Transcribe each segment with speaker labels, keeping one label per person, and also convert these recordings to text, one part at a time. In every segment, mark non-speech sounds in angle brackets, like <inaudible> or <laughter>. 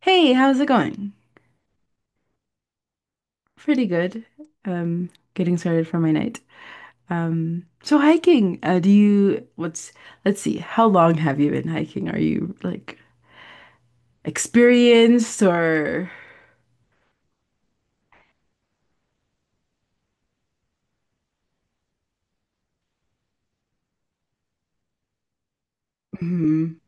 Speaker 1: Hey, how's it going? Pretty good. Um, Getting started for my night. So hiking, do you, what's, let's see, how long have you been hiking? Are you like experienced or? Hmm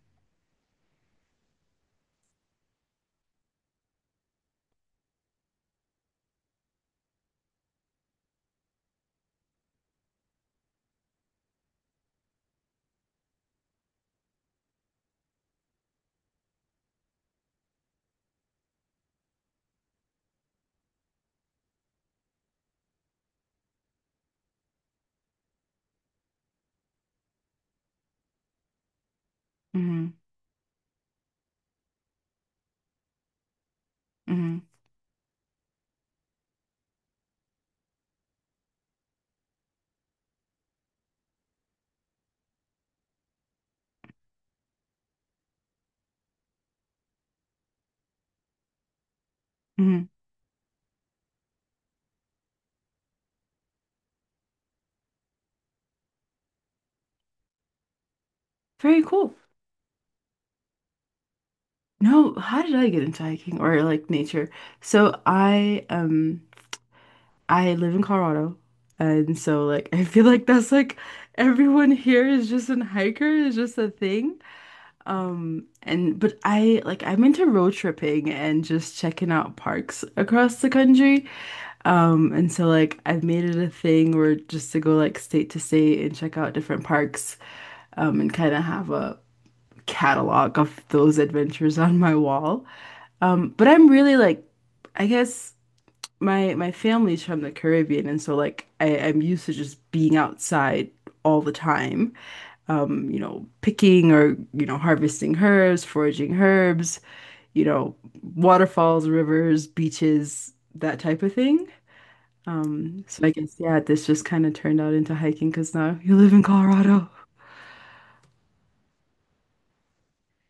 Speaker 1: hmm hmm hmm Very cool. No, how did I get into hiking or like nature? So I, um, I live in Colorado, and so like <laughs> I feel like that's like everyone here is just an hiker. It's just a thing. And but I like I'm into road tripping and just checking out parks across the country. And so like I've made it a thing where just to go like state to state and check out different parks, and kind of have a catalog of those adventures on my wall. But I'm really like I guess My family's from the Caribbean, and so like I'm used to just being outside all the time, picking or, you know, harvesting herbs, foraging herbs, you know, waterfalls, rivers, beaches, that type of thing. Yeah, this just kind of turned out into hiking because now you live in Colorado.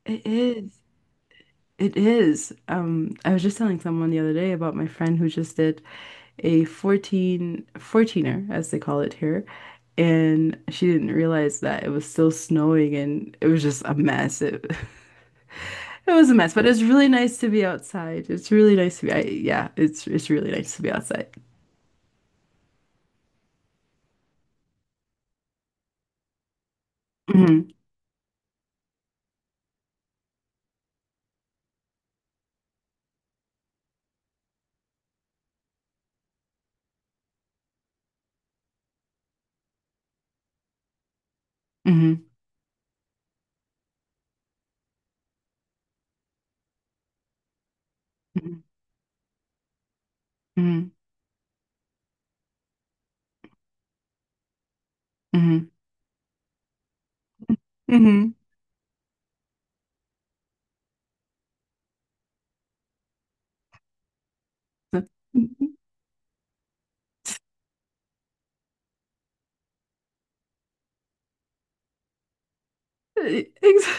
Speaker 1: It is. It is. I was just telling someone the other day about my friend who just did a 14, fourteener, as they call it here. And she didn't realize that it was still snowing, and it was just a mess. <laughs> It was a mess, but it's really nice to be outside. It's really nice to yeah, it's really nice to be outside. Hmm hmm hmm hmm hmm hmm <laughs>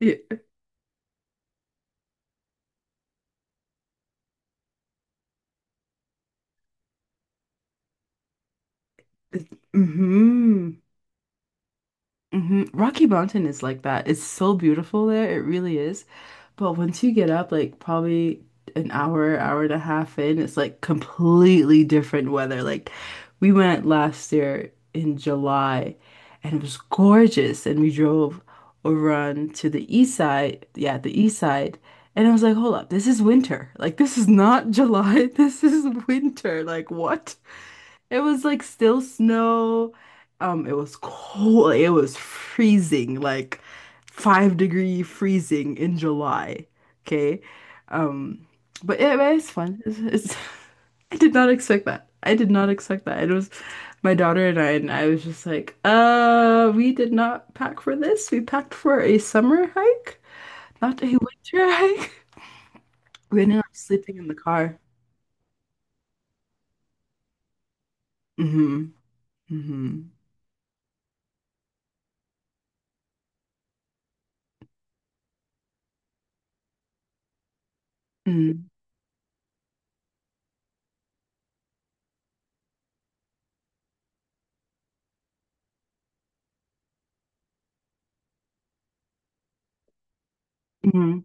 Speaker 1: Yeah. hmm hmm Rocky Mountain is like that. It's so beautiful there. It really is. But once you get up, like probably an hour, hour and a half in, it's like completely different weather. Like we went last year in July and it was gorgeous. And we drove over on to the east side. Yeah, the east side. And I was like, hold up, this is winter. Like this is not July. <laughs> This is winter. Like what? It was like still snow. It was cold. It was freezing, like 5 degree freezing in July. Okay. Um, but yeah, but it's fun. It's <laughs> I did not expect that. I did not expect that. It was my daughter and I was just like, we did not pack for this. We packed for a summer hike, not a winter hike. <laughs> We ended up sleeping in the car. Mm-hmm. Mm-hmm. Mm-hmm. Mm-hmm.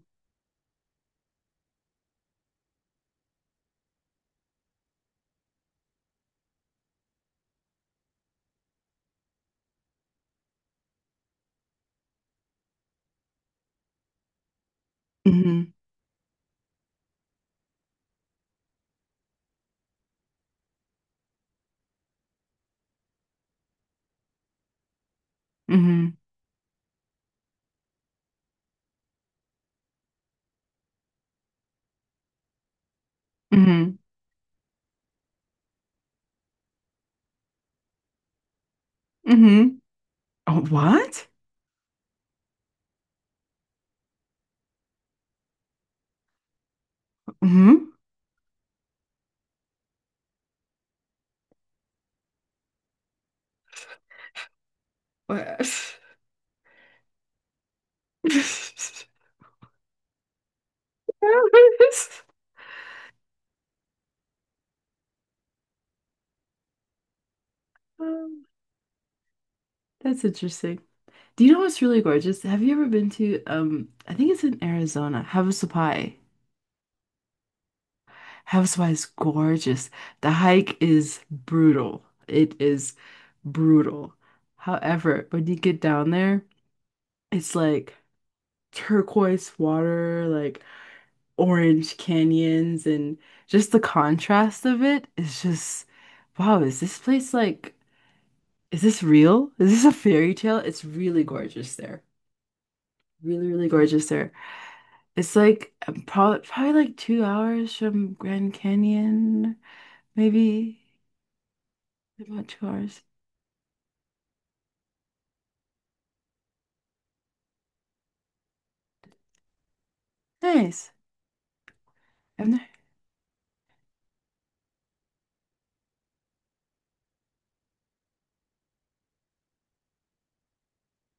Speaker 1: Mm-hmm. Mm-hmm. hmm hmm Oh, what? Hmm <laughs> Um, That's interesting. Do you know what's really gorgeous? Have you ever been to I think it's in Arizona, Havasu Pi? Havasu Pi is gorgeous. The hike is brutal. It is brutal. However, when you get down there, it's like turquoise water, like orange canyons, and just the contrast of it is just wow, is this place like is this real? Is this a fairy tale? It's really gorgeous there. Really, really gorgeous there. It's like probably like 2 hours from Grand Canyon, maybe about 2 hours. Nice. I'm there.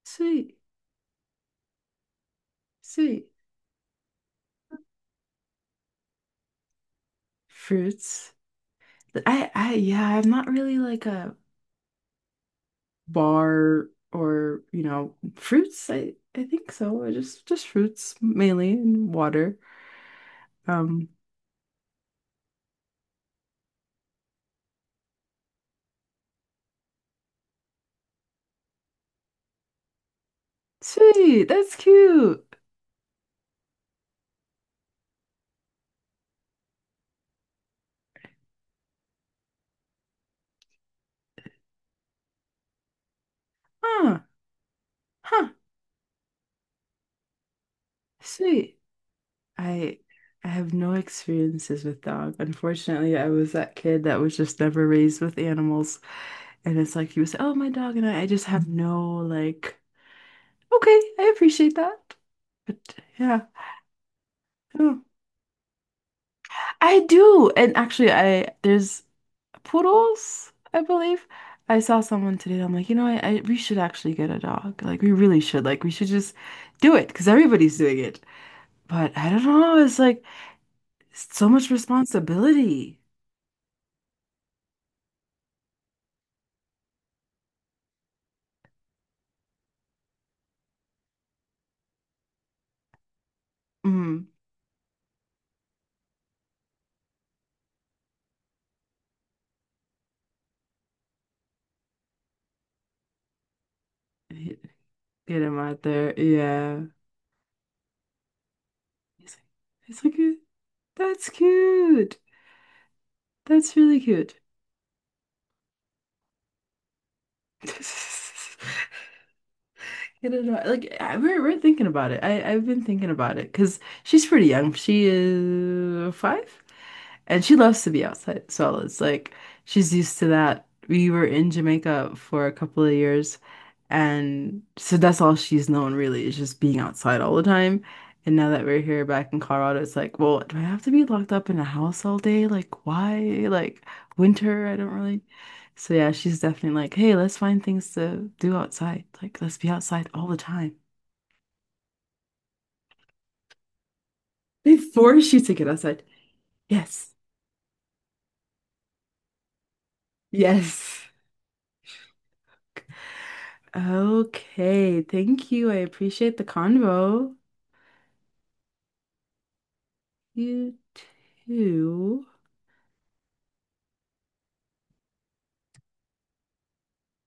Speaker 1: Sweet, sweet. Fruits. Yeah, I'm not really like a bar or, you know, fruits. I think so. Just fruits mainly and water. Um, sweet. That's cute. Huh. Huh. Sweet. I I have no experiences with dog. Unfortunately, I was that kid that was just never raised with animals. And it's like you say, oh, my dog and I just have no like, okay, I appreciate that. But yeah. I don't know. I do. And actually I there's poodles, I believe. I saw someone today. I'm like, you know, I we should actually get a dog. Like, we really should. Like, we should just do it because everybody's doing it. But I don't know. It's like so much responsibility. Mm. Get him out there. Yeah. He's like, he's like, that's cute. That's really cute. <laughs> I don't Like I, we're thinking about it. I've been thinking about it because she's pretty young. She is 5, and she loves to be outside. So it's like she's used to that. We were in Jamaica for a couple of years, and so that's all she's known really is just being outside all the time. And now that we're here back in Colorado, it's like, well, do I have to be locked up in a house all day? Like, why? Like winter? I don't really. So yeah, she's definitely like, hey, let's find things to do outside. Like, let's be outside all the time. They force you to get outside. Yes. Yes. Okay. Thank you. I appreciate the convo. You too.